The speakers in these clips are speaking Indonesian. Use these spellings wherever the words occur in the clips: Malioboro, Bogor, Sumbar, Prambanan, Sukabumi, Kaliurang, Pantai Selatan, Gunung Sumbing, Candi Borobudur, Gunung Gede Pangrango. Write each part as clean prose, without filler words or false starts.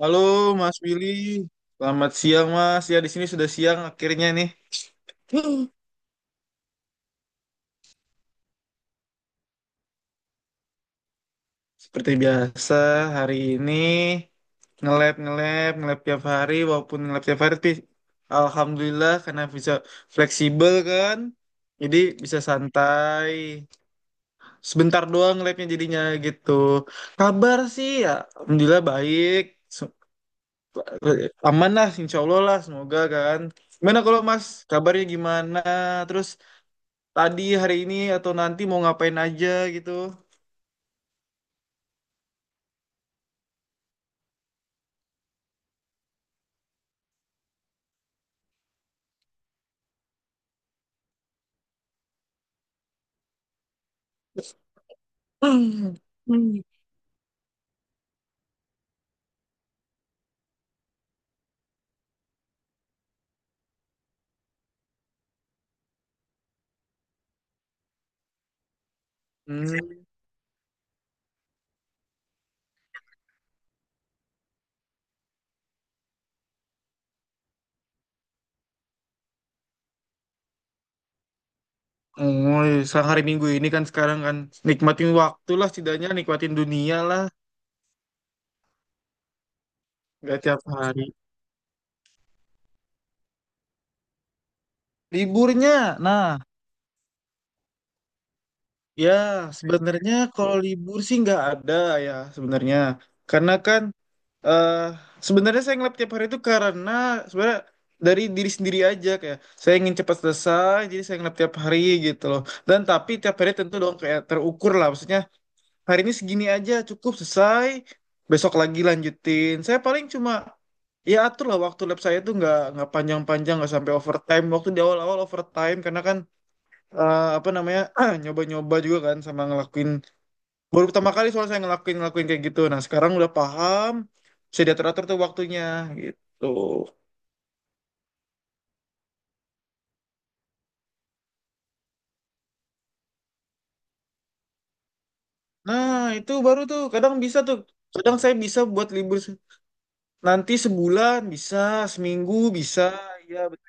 Halo Mas Willy, selamat siang Mas. Ya di sini sudah siang akhirnya nih. Huh. Seperti biasa hari ini nge-lab nge-lab nge-lab tiap hari. Walaupun nge-lab tiap hari tapi alhamdulillah karena bisa fleksibel kan. Jadi bisa santai. Sebentar doang nge-labnya jadinya gitu. Kabar sih ya alhamdulillah baik. Se- Aman lah insya Allah lah semoga kan. Gimana kalau Mas kabarnya gimana? Terus tadi hari ini atau nanti mau ngapain aja gitu. Hmm. Oh, sekarang hari Minggu ini kan, sekarang kan nikmatin waktu lah setidaknya, nikmatin dunia lah. Nggak tiap hari. Liburnya, nah ya sebenarnya kalau libur sih nggak ada ya sebenarnya. Karena kan eh sebenarnya saya ngelap tiap hari itu karena sebenarnya dari diri sendiri aja, kayak saya ingin cepat selesai jadi saya ngelap tiap hari gitu loh. Dan tapi tiap hari tentu dong kayak terukur lah, maksudnya hari ini segini aja cukup selesai, besok lagi lanjutin. Saya paling cuma ya atur lah waktu lab saya tuh nggak panjang-panjang, nggak sampai overtime. Waktu di awal-awal overtime karena kan, apa namanya, nyoba-nyoba juga kan sama ngelakuin baru pertama kali soalnya saya ngelakuin ngelakuin kayak gitu. Nah sekarang udah paham, bisa diatur-atur tuh waktunya gitu. Nah itu baru tuh kadang bisa tuh, kadang saya bisa buat libur nanti sebulan bisa, seminggu bisa. Iya betul.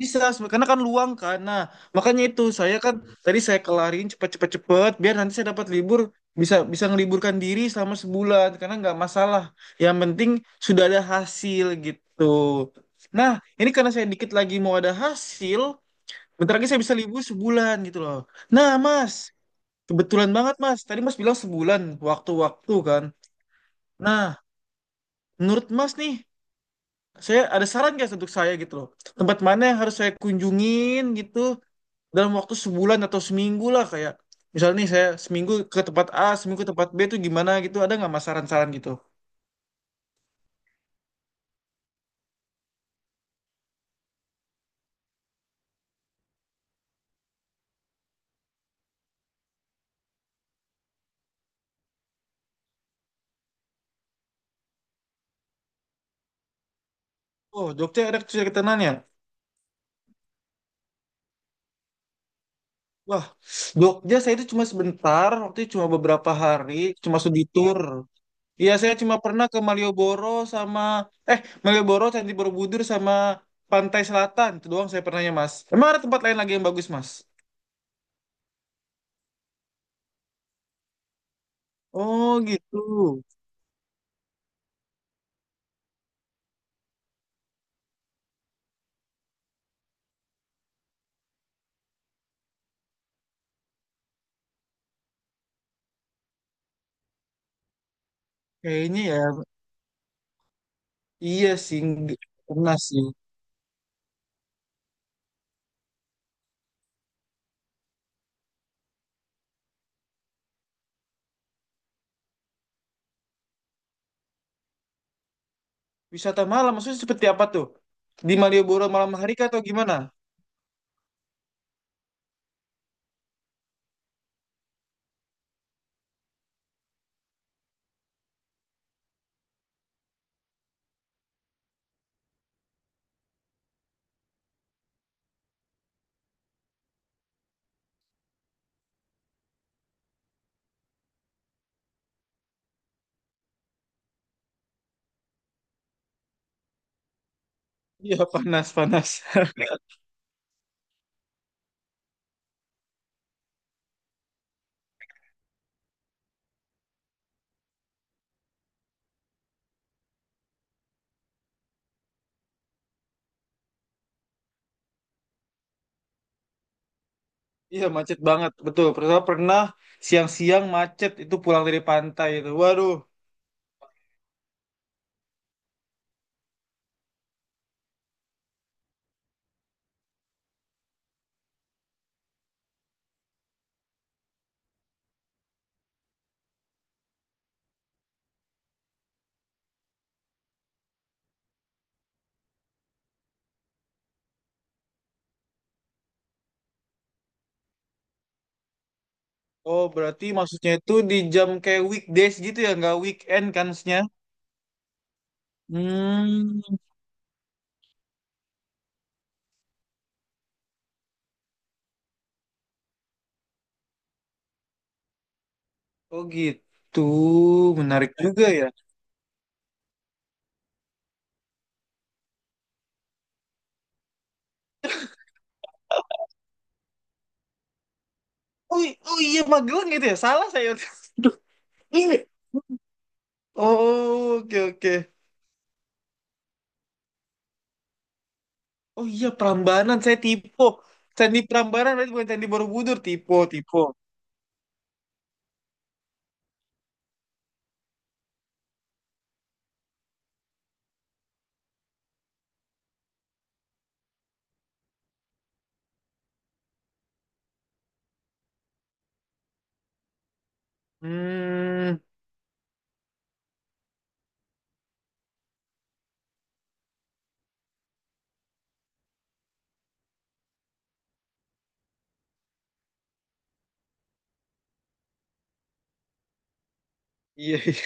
Bisa, karena kan luang kan. Nah, makanya itu saya kan tadi saya kelarin cepet-cepet-cepet biar nanti saya dapat libur, bisa bisa ngeliburkan diri selama sebulan karena nggak masalah. Yang penting sudah ada hasil gitu. Nah, ini karena saya dikit lagi mau ada hasil, bentar lagi saya bisa libur sebulan gitu loh. Nah Mas, kebetulan banget Mas. Tadi Mas bilang sebulan, waktu-waktu kan. Nah, menurut Mas nih, saya ada saran guys untuk saya gitu loh. Tempat mana yang harus saya kunjungin gitu dalam waktu sebulan atau seminggu lah, kayak misalnya nih saya seminggu ke tempat A, seminggu ke tempat B, itu gimana gitu. Ada nggak Mas saran-saran gitu? Oh, Jogja ada kesulitannya. Wah, Jogja saya itu cuma sebentar, waktu itu cuma beberapa hari, cuma studi tour. Iya, saya cuma pernah ke Malioboro sama Malioboro, Candi Borobudur sama Pantai Selatan. Itu doang saya pernahnya, Mas. Emang ada tempat lain lagi yang bagus, Mas? Oh, gitu. Kayaknya ya, iya sih, nggak pernah sih. Wisata malam, maksudnya seperti apa tuh? Di Malioboro malam hari kah atau gimana? Iya, panas, panas. Iya, macet banget, betul. Pernah, pernah siang-siang macet, itu pulang dari pantai itu. Waduh, oh berarti maksudnya itu di jam kayak weekdays gitu ya, nggak weekend kan maksudnya? Hmm, oh gitu, menarik juga ya. Oh, oh iya, Magelang gitu ya, salah saya. Aduh, ini. Oh, oke, oke. Oh iya Prambanan, saya tipo. Candi Prambanan berarti, bukan Candi Borobudur. Tipo, tipo. Hmm, iya, iya.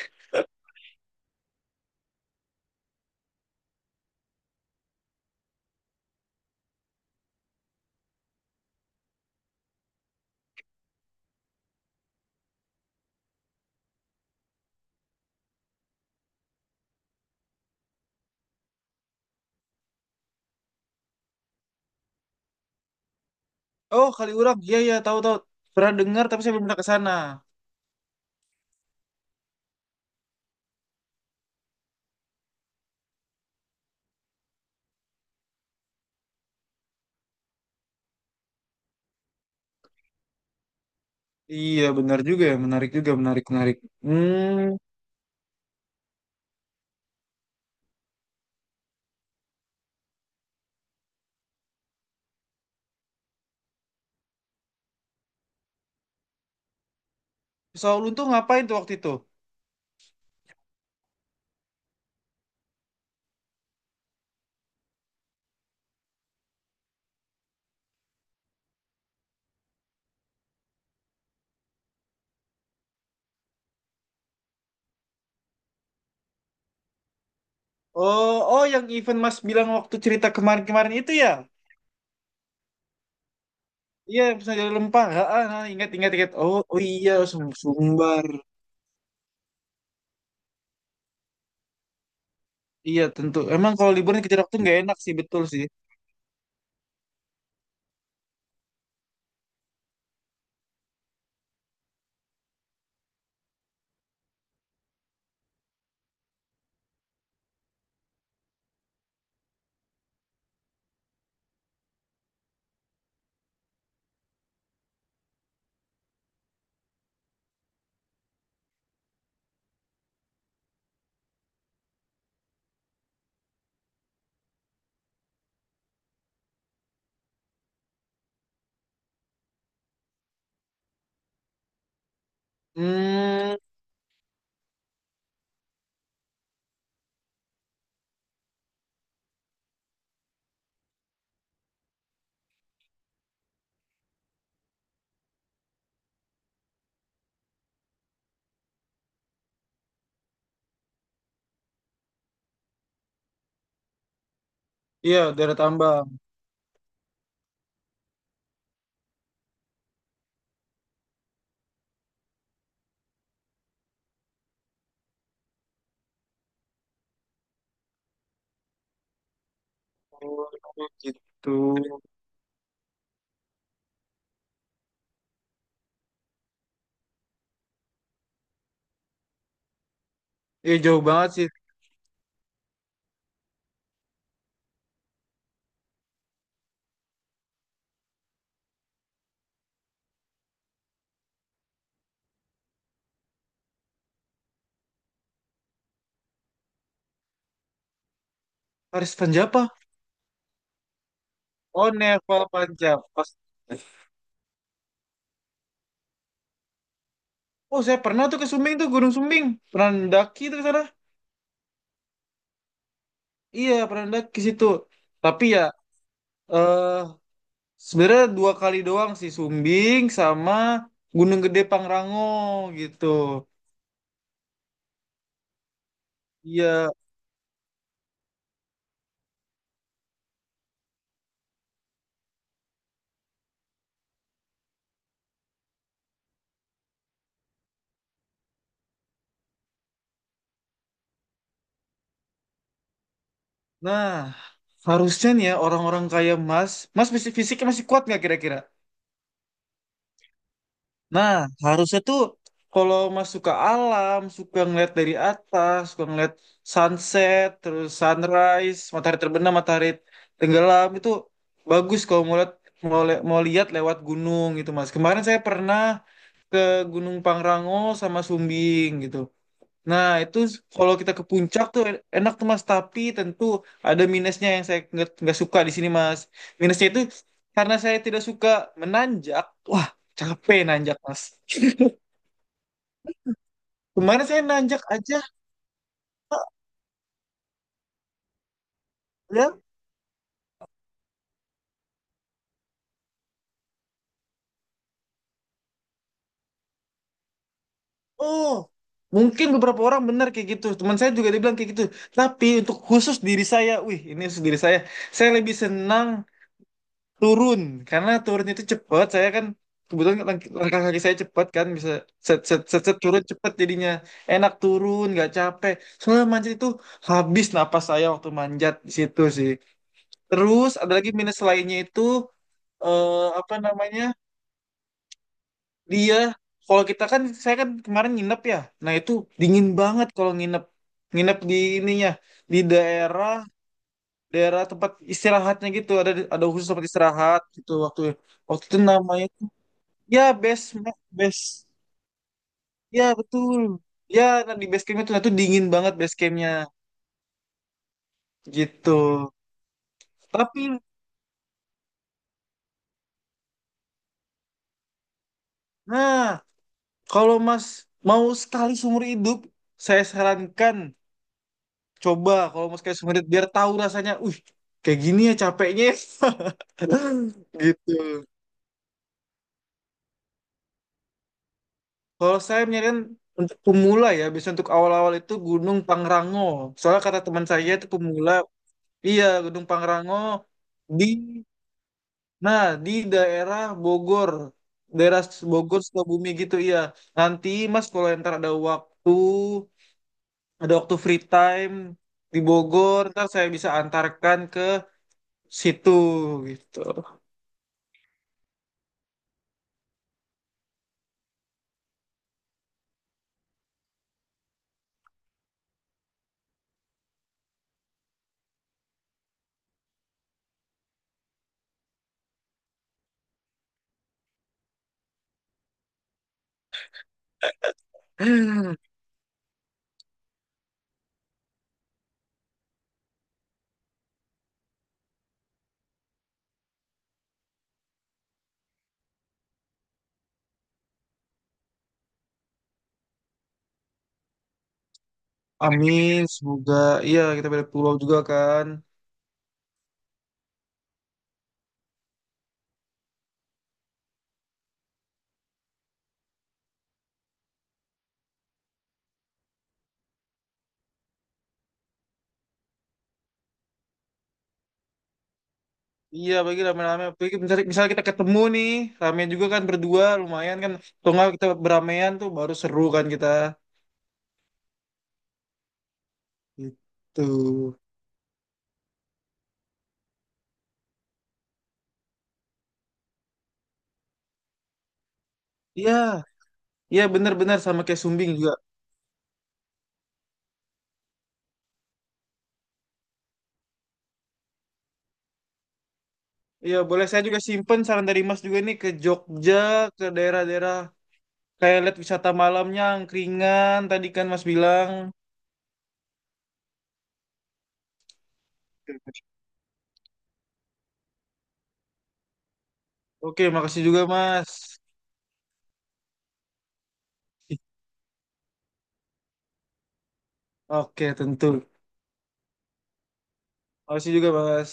Oh Kaliurang, iya iya tahu tahu. Pernah dengar tapi saya belum pernah ke sana. Iya benar juga ya, menarik juga, menarik menarik. Hmm. Soal tuh ngapain tuh waktu itu? Oh oh, yang event Mas bilang waktu cerita kemarin-kemarin itu ya? Iya misalnya pernah jadi, ah, ah, ah, ingat ingat ingat. Oh oh iya, Sumbar. Iya tentu. Emang kalau liburan kejar waktu nggak enak sih, betul sih. Hmm, iya daerah tambang. Oh, gitu. Iya jauh banget sih. Paris Panjapa. Oh, Nepal Panjapa. Oh, saya pernah tuh ke Sumbing tuh, Gunung Sumbing. Pernah mendaki tuh ke sana. Iya, pernah mendaki situ. Tapi ya, eh sebenarnya dua kali doang sih, Sumbing sama Gunung Gede Pangrango gitu. Iya, nah harusnya nih ya orang-orang kayak Mas, Mas fisik fisiknya masih kuat nggak kira-kira? Nah, harusnya tuh kalau Mas suka alam, suka ngeliat dari atas, suka ngeliat sunset, terus sunrise, matahari terbenam, matahari tenggelam, itu bagus kalau mau lihat, mau lihat lewat gunung gitu, Mas. Kemarin saya pernah ke Gunung Pangrango sama Sumbing gitu. Nah, itu kalau kita ke puncak tuh enak tuh Mas, tapi tentu ada minusnya yang saya nggak suka di sini Mas. Minusnya itu karena saya tidak suka menanjak, wah capek nanjak Mas. Kemarin saya nanjak aja, Pak, ya. Oh, mungkin beberapa orang benar kayak gitu. Teman saya juga dibilang kayak gitu. Tapi untuk khusus diri saya, wih, ini khusus diri saya. Saya lebih senang turun karena turun itu cepat. Saya kan kebetulan langkah kaki saya cepat kan, bisa set set set, set, turun cepat jadinya enak, turun nggak capek. Soalnya manjat itu habis napas saya waktu manjat di situ sih. Terus ada lagi minus lainnya itu, eh, apa namanya, dia kalau kita kan, saya kan kemarin nginep ya, nah itu dingin banget kalau nginep, nginep di ininya, di daerah, daerah tempat istirahatnya gitu. Ada khusus tempat istirahat gitu waktu, waktu itu namanya, ya base. Ya betul. Ya nah, di base campnya tuh, nah tuh dingin banget base campnya gitu. Tapi nah kalau Mas mau sekali seumur hidup, saya sarankan coba. Kalau mau sekali seumur hidup biar tahu rasanya. Uh, kayak gini ya capeknya. Ya. Gitu. Kalau saya menyarankan untuk pemula ya, bisa untuk awal-awal itu Gunung Pangrango. Soalnya kata teman saya itu pemula, iya Gunung Pangrango di, nah, di daerah Bogor Sukabumi gitu iya. Nanti Mas kalau ntar ada waktu free time di Bogor, ntar saya bisa antarkan ke situ gitu. Amin, semoga. Iya kita beda pulau juga kan. Iya, bagi rame-rame. Apalagi misalnya, misalnya kita ketemu nih, rame juga kan berdua, lumayan kan. Atau nggak kita beramean tuh baru seru kan kita. Gitu. Iya, iya bener-bener sama kayak Sumbing juga. Iya, boleh saya juga simpen saran dari Mas juga nih, ke Jogja, ke daerah-daerah kayak lihat wisata malamnya, angkringan tadi kan Mas bilang. Oke, makasih juga Mas. Oke, tentu. Makasih juga Mas.